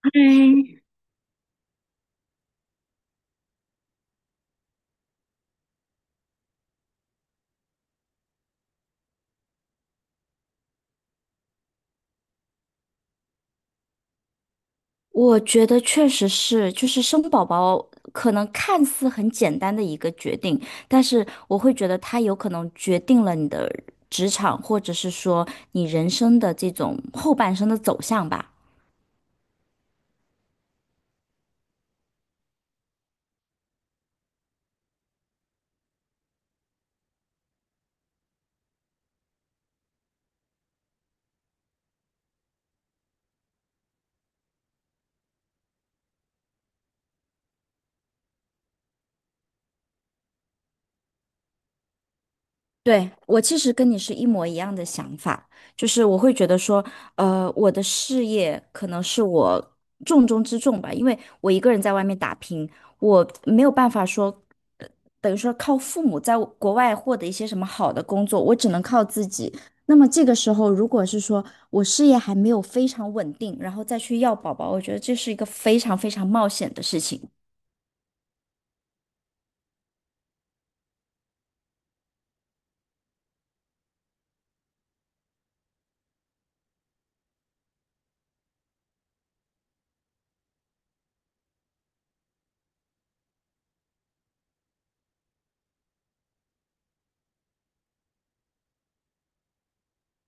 嗯，我觉得确实是，就是生宝宝可能看似很简单的一个决定，但是我会觉得它有可能决定了你的职场，或者是说你人生的这种后半生的走向吧。对，我其实跟你是一模一样的想法，就是我会觉得说，我的事业可能是我重中之重吧，因为我一个人在外面打拼，我没有办法说等于说靠父母在国外获得一些什么好的工作，我只能靠自己。那么这个时候，如果是说我事业还没有非常稳定，然后再去要宝宝，我觉得这是一个非常非常冒险的事情。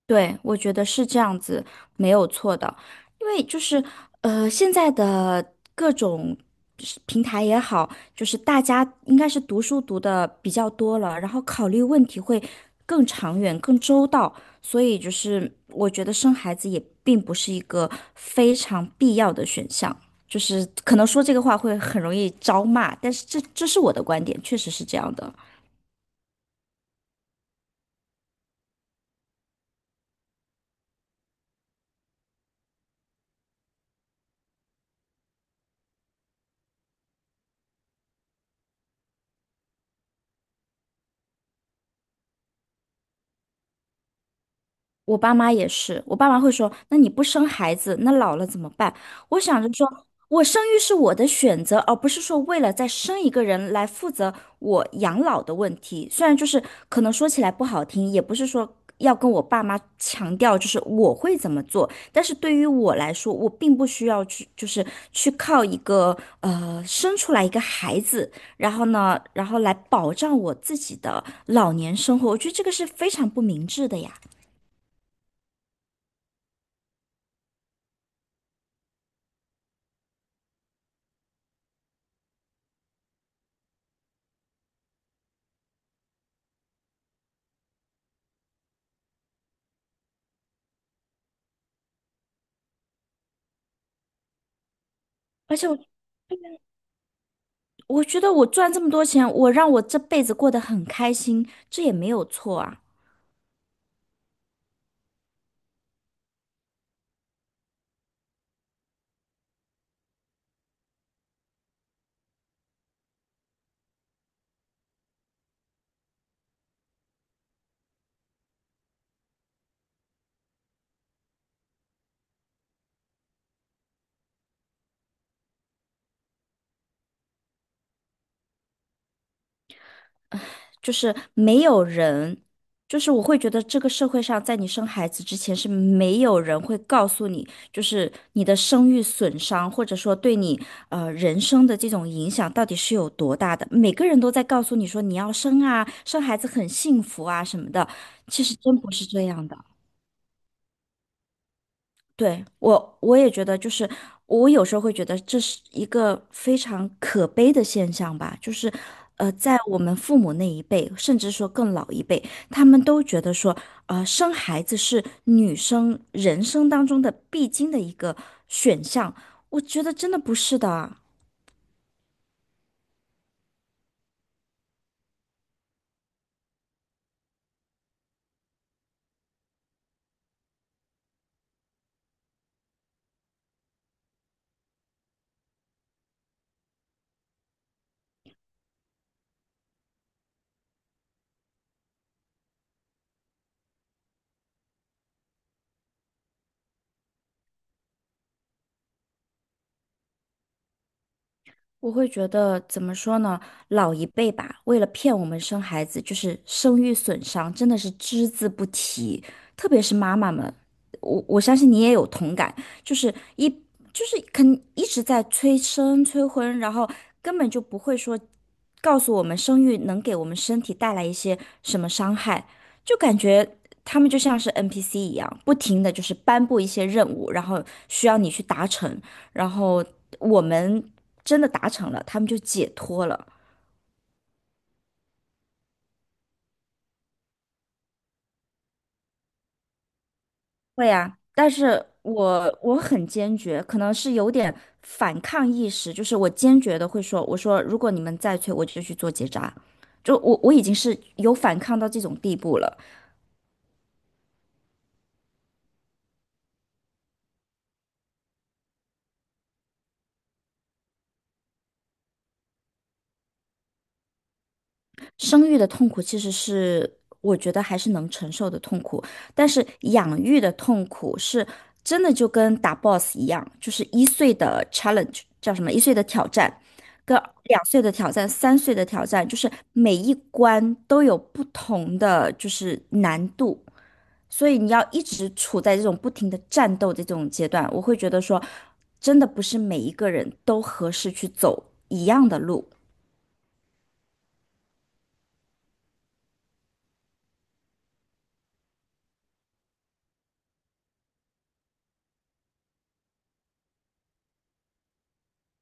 对，我觉得是这样子，没有错的。因为就是现在的各种是平台也好，就是大家应该是读书读的比较多了，然后考虑问题会更长远、更周到，所以就是我觉得生孩子也并不是一个非常必要的选项。就是可能说这个话会很容易招骂，但是这是我的观点，确实是这样的。我爸妈也是，我爸妈会说："那你不生孩子，那老了怎么办？"我想着说，我生育是我的选择，而不是说为了再生一个人来负责我养老的问题。虽然就是可能说起来不好听，也不是说要跟我爸妈强调就是我会怎么做，但是对于我来说，我并不需要去就是去靠一个生出来一个孩子，然后呢，然后来保障我自己的老年生活。我觉得这个是非常不明智的呀。而且我觉得我赚这么多钱，我让我这辈子过得很开心，这也没有错啊。就是没有人，就是我会觉得这个社会上，在你生孩子之前是没有人会告诉你，就是你的生育损伤，或者说对你人生的这种影响到底是有多大的。每个人都在告诉你说你要生啊，生孩子很幸福啊什么的，其实真不是这样的。对，我也觉得，就是我有时候会觉得这是一个非常可悲的现象吧，就是，在我们父母那一辈，甚至说更老一辈，他们都觉得说，生孩子是女生人生当中的必经的一个选项，我觉得真的不是的啊。我会觉得怎么说呢？老一辈吧，为了骗我们生孩子，就是生育损伤真的是只字不提，特别是妈妈们，我相信你也有同感，就是一就是肯一直在催生催婚，然后根本就不会说告诉我们生育能给我们身体带来一些什么伤害，就感觉他们就像是 NPC 一样，不停的就是颁布一些任务，然后需要你去达成。然后我们真的达成了，他们就解脱了。会啊，但是我很坚决，可能是有点反抗意识，就是我坚决的会说，我说如果你们再催，我就去做结扎。就我已经是有反抗到这种地步了。生育的痛苦其实是我觉得还是能承受的痛苦，但是养育的痛苦是真的就跟打 boss 一样，就是一岁的 challenge 叫什么？一岁的挑战，跟两岁的挑战、三岁的挑战，就是每一关都有不同的就是难度，所以你要一直处在这种不停的战斗的这种阶段，我会觉得说，真的不是每一个人都合适去走一样的路。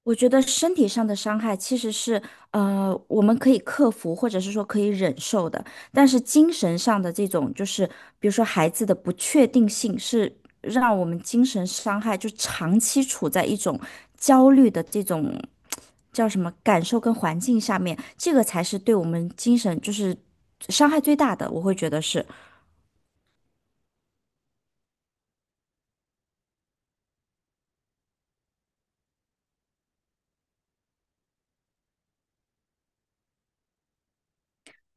我觉得身体上的伤害其实是，我们可以克服，或者是说可以忍受的。但是精神上的这种，就是比如说孩子的不确定性，是让我们精神伤害，就长期处在一种焦虑的这种叫什么感受跟环境下面，这个才是对我们精神就是伤害最大的，我会觉得是。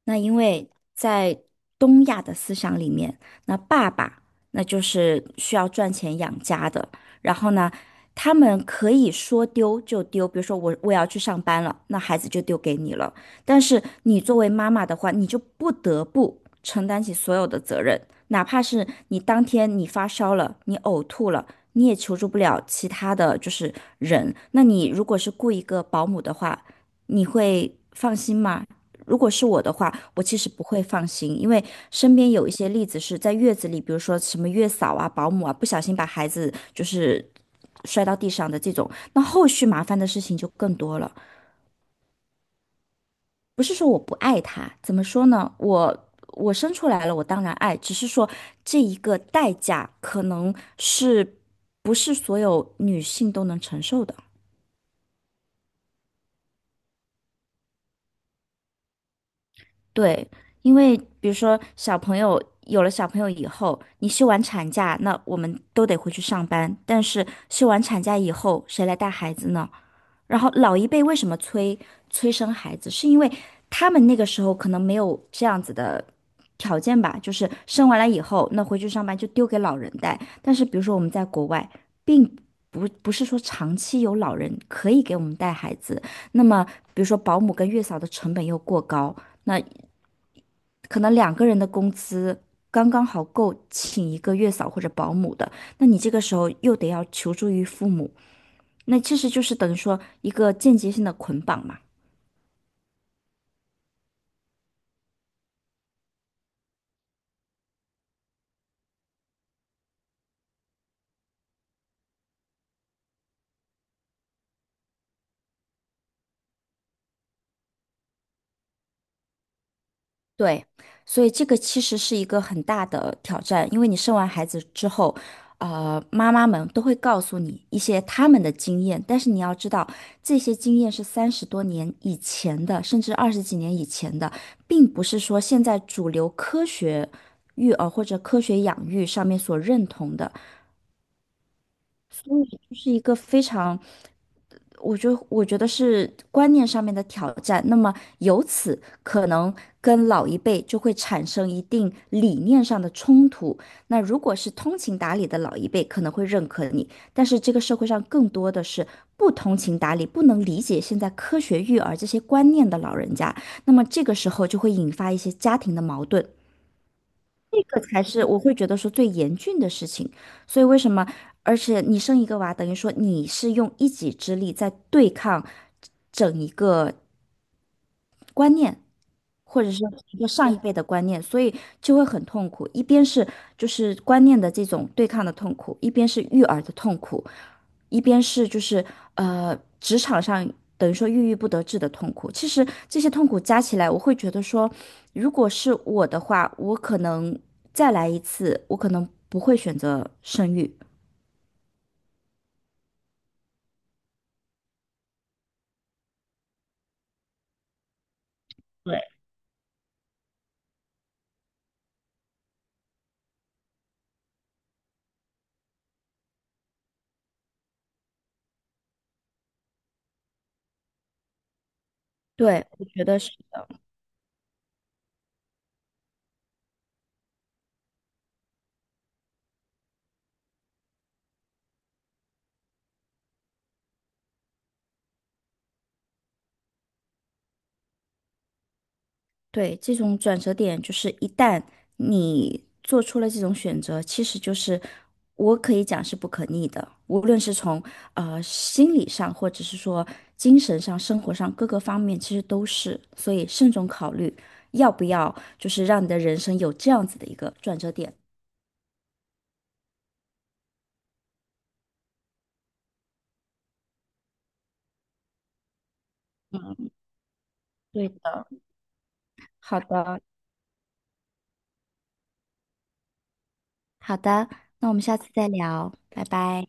那因为在东亚的思想里面，那爸爸那就是需要赚钱养家的，然后呢，他们可以说丢就丢，比如说我要去上班了，那孩子就丢给你了。但是你作为妈妈的话，你就不得不承担起所有的责任，哪怕是你当天你发烧了，你呕吐了。你也求助不了其他的就是人，那你如果是雇一个保姆的话，你会放心吗？如果是我的话，我其实不会放心，因为身边有一些例子是在月子里，比如说什么月嫂啊、保姆啊，不小心把孩子就是摔到地上的这种，那后续麻烦的事情就更多了。不是说我不爱他，怎么说呢？我生出来了，我当然爱，只是说这一个代价可能是不是所有女性都能承受的。对，因为比如说小朋友有了小朋友以后，你休完产假，那我们都得回去上班。但是休完产假以后，谁来带孩子呢？然后老一辈为什么催生孩子，是因为他们那个时候可能没有这样子的条件吧，就是生完了以后，那回去上班就丢给老人带。但是比如说我们在国外，并不不是说长期有老人可以给我们带孩子，那么比如说保姆跟月嫂的成本又过高。那可能两个人的工资刚刚好够请一个月嫂或者保姆的，那你这个时候又得要求助于父母，那其实就是等于说一个间接性的捆绑嘛。对，所以这个其实是一个很大的挑战，因为你生完孩子之后，妈妈们都会告诉你一些他们的经验，但是你要知道，这些经验是三十多年以前的，甚至二十几年以前的，并不是说现在主流科学育儿或者科学养育上面所认同的，英语就是一个非常，我觉得是观念上面的挑战。那么由此可能跟老一辈就会产生一定理念上的冲突。那如果是通情达理的老一辈，可能会认可你，但是这个社会上更多的是不通情达理、不能理解现在科学育儿这些观念的老人家，那么这个时候就会引发一些家庭的矛盾。这才是我会觉得说最严峻的事情。所以为什么？而且你生一个娃，等于说你是用一己之力在对抗整一个观念，或者是一个上一辈的观念，所以就会很痛苦。一边是就是观念的这种对抗的痛苦，一边是育儿的痛苦。一边是就是职场上等于说郁郁不得志的痛苦，其实这些痛苦加起来，我会觉得说，如果是我的话，我可能再来一次，我可能不会选择生育。对，对，我觉得是。对，这种转折点就是一旦你做出了这种选择，其实就是我可以讲是不可逆的，无论是从心理上，或者是说精神上、生活上各个方面，其实都是。所以慎重考虑要不要，就是让你的人生有这样子的一个转折点。对的，好的，好的，那我们下次再聊，拜拜。